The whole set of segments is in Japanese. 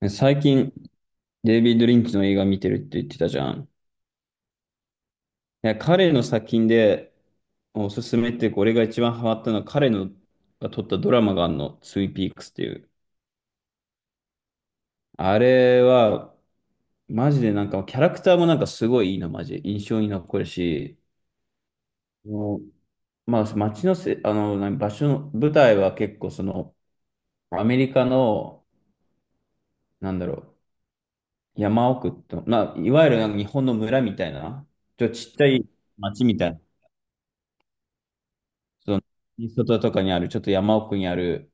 ね最近、デイビッド・リンチの映画見てるって言ってたじゃん。いや、彼の作品でおすすめっていうか、俺が一番ハマったのは彼のが撮ったドラマがあるの、ツイピークスっていう。あれは、マジでなんか、キャラクターもなんかすごいいいな、マジで。印象に残るし、もうまあ、街のせ、何場所の、舞台は結構その、アメリカの、なんだろ山奥と、まあ、いわゆるなんか日本の村みたいな、ちょっとちっちゃい街みたいな。その、外とかにある、ちょっと山奥にある、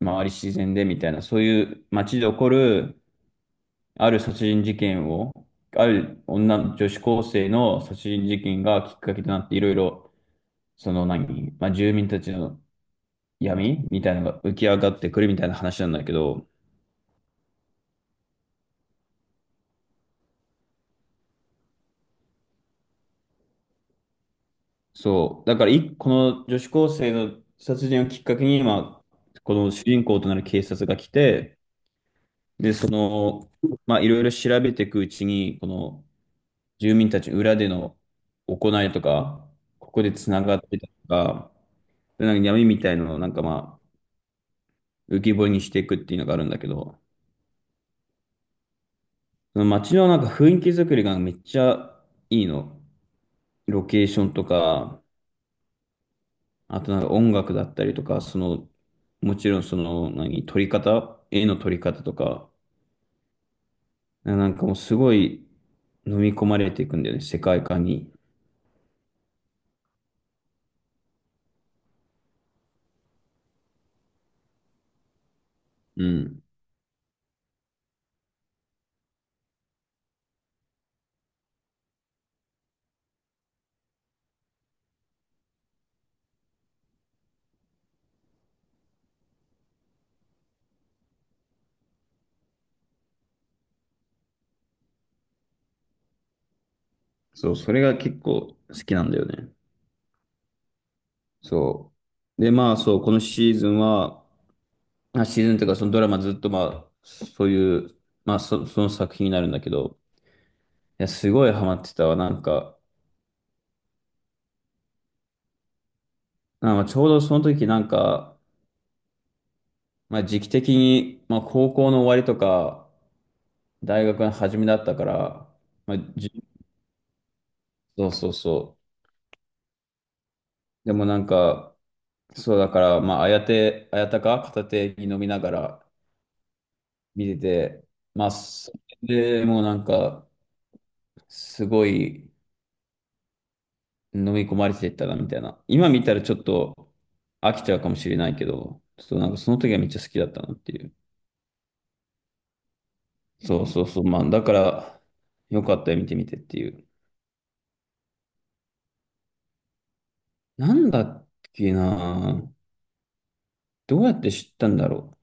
周り自然でみたいな、そういう街で起こる、ある殺人事件を、ある女子高生の殺人事件がきっかけとなって、いろいろ、その何、まあ、住民たちの闇みたいなのが浮き上がってくるみたいな話なんだけど、そう、だからい、この女子高生の殺人をきっかけに、今、この主人公となる警察が来て、で、その、まあ、いろいろ調べていくうちに、この、住民たち裏での行いとか、ここでつながってたとか、なんか闇みたいなのをなんかまあ浮き彫りにしていくっていうのがあるんだけど、その街のなんか雰囲気作りがめっちゃいいの。ロケーションとか、あとなんか音楽だったりとか、その、もちろんその何、撮り方、絵の撮り方とか、なんかもうすごい飲み込まれていくんだよね、世界観に。うん。そう、それが結構好きなんだよね。そう。で、まあそう、このシーズンは、まあシーズンというかそのドラマずっとまあ、そういう、その作品になるんだけど、いや、すごいハマってたわ。なんか、まあまあちょうどその時なんか、まあ時期的に、まあ高校の終わりとか、大学の初めだったから、まあ、じそうそうそう。でもなんか、そうだから、まあ、あやて、あやたか片手に飲みながら見てて、まあ、それでもうなんか、すごい、飲み込まれてったらみたいな。今見たらちょっと飽きちゃうかもしれないけど、ちょっとなんかその時はめっちゃ好きだったなっていう。そうそうそう。まあ、だから、よかったよ、見てみてっていう。なんだっけなどうやって知ったんだろう。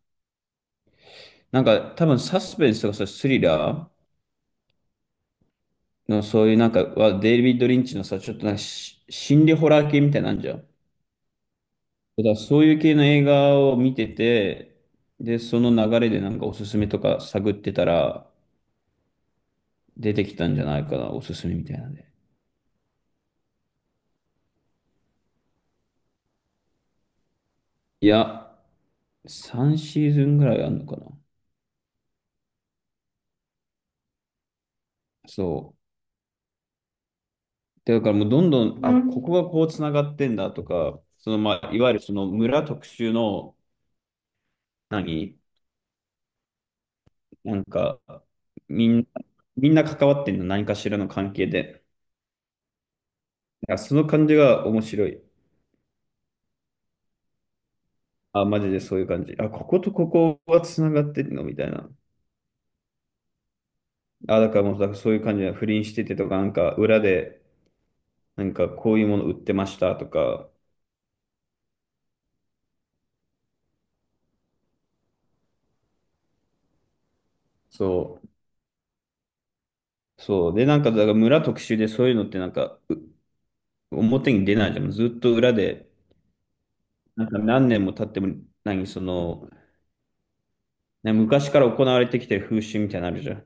なんか多分サスペンスとかさ、スリラーのそういうなんかは、デイビッド・リンチのさ、ちょっとなんか心理ホラー系みたいなんじゃん。だからそういう系の映画を見てて、で、その流れでなんかおすすめとか探ってたら、出てきたんじゃないかな、おすすめみたいなんで。いや、3シーズンぐらいあるのかな。そう。でだからもうどんどん、あ、ここがこうつながってんだとか、そのまあ、いわゆるその村特集の、何なんか、みんな、みんな関わってんの、何かしらの関係で。いやその感じが面白い。あ、マジでそういう感じ。あ、こことここはつながってんのみたいな。あ、だからもう、だからそういう感じで不倫しててとか、なんか裏で、なんかこういうもの売ってましたとか、そう。そう。で、なんか、だから村特集でそういうのってなんか、表に出ないじゃん。ずっと裏で、なんか何年も経っても、何、その、ね昔から行われてきてる風習みたいなのあるじゃん。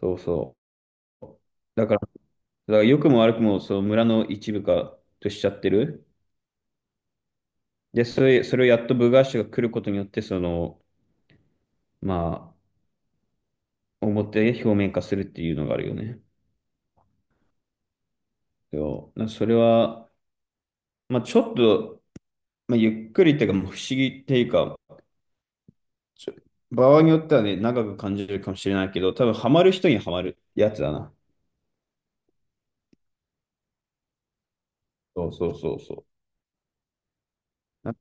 そうそう。だから良くも悪くも、その村の一部化としちゃってる。で、それをやっと部外者が来ることによって、その、まあ、表面化するっていうのがあるよね。そう。それは、まあ、ちょっと、まあ、ゆっくりっていうか、もう不思議っていうか、ちょ場合によってはね、長く感じるかもしれないけど、多分ハマる人にはまるやつだな。そうそうそうそう。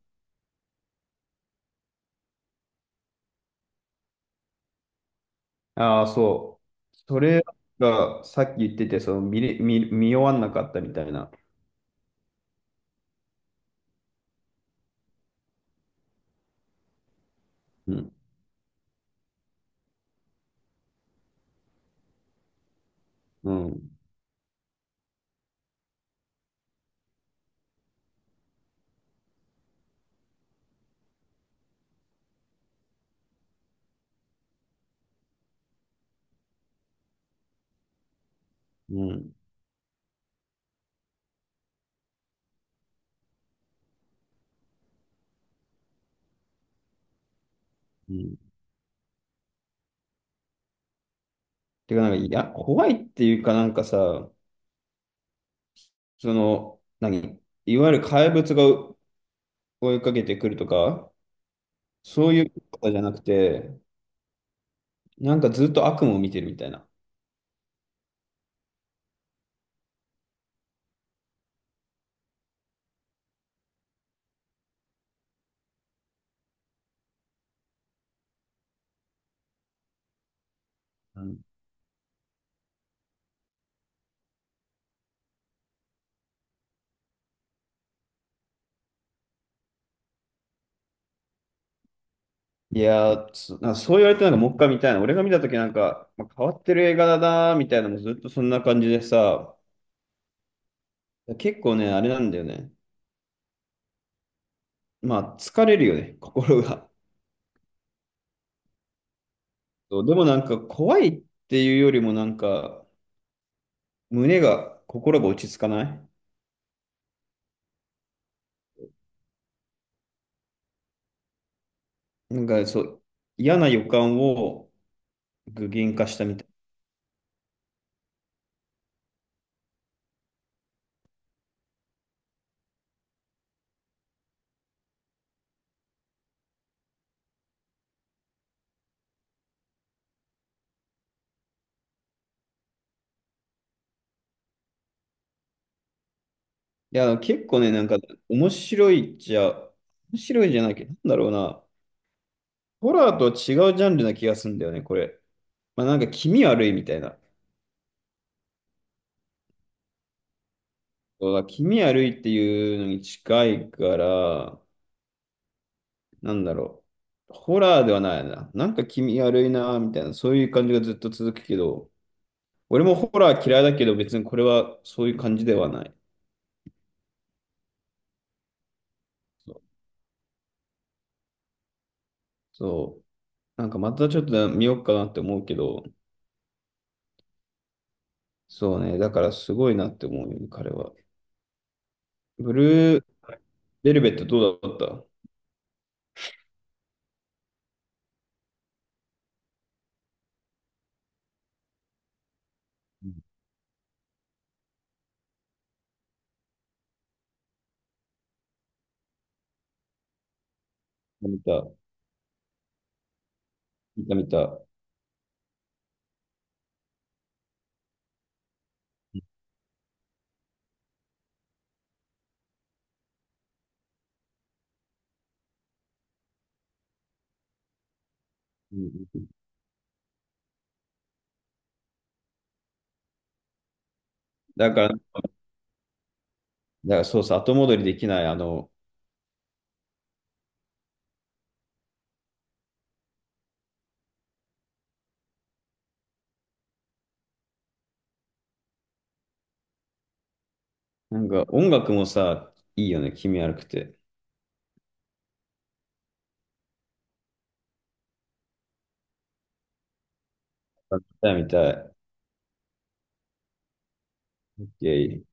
ああー、そう。それがさっき言ってて、その見れ、見、見終わんなかったみたいな。うん。うん。うん。うん。てか、なんか、いや、怖いっていうかなんかさ、その、何いわゆる怪物が追いかけてくるとか、そういうことじゃなくて、なんかずっと悪夢を見てるみたいな。うん。いやー、そう言われてなんかもう一回見たいな。俺が見たときなんか、まあ、変わってる映画だなーみたいなのもずっとそんな感じでさ、結構ね、あれなんだよね。まあ、疲れるよね、心が。そうでもなんか怖いっていうよりもなんか、心が落ち着かない。なんかそう、嫌な予感を具現化したみたい。いや、結構ね、なんか面白いっちゃ、面白いじゃないけど、なんだろうな。ホラーとは違うジャンルな気がするんだよね、これ。まあなんか気味悪いみたいな。そうだ、気味悪いっていうのに近いから、なんだろう。ホラーではないな。なんか気味悪いな、みたいな、そういう感じがずっと続くけど、俺もホラー嫌いだけど、別にこれはそういう感じではない。そう。そうなんかまたちょっと見ようかなって思うけど、そうね。だからすごいなって思うよね、彼は。ブルーベルベットどうだった？うん。見た、見た、見た。うん。だから、そうさ、後戻りできない、あの、なんか音楽もさ、いいよね、気味悪くて。見たい見たい。イェイ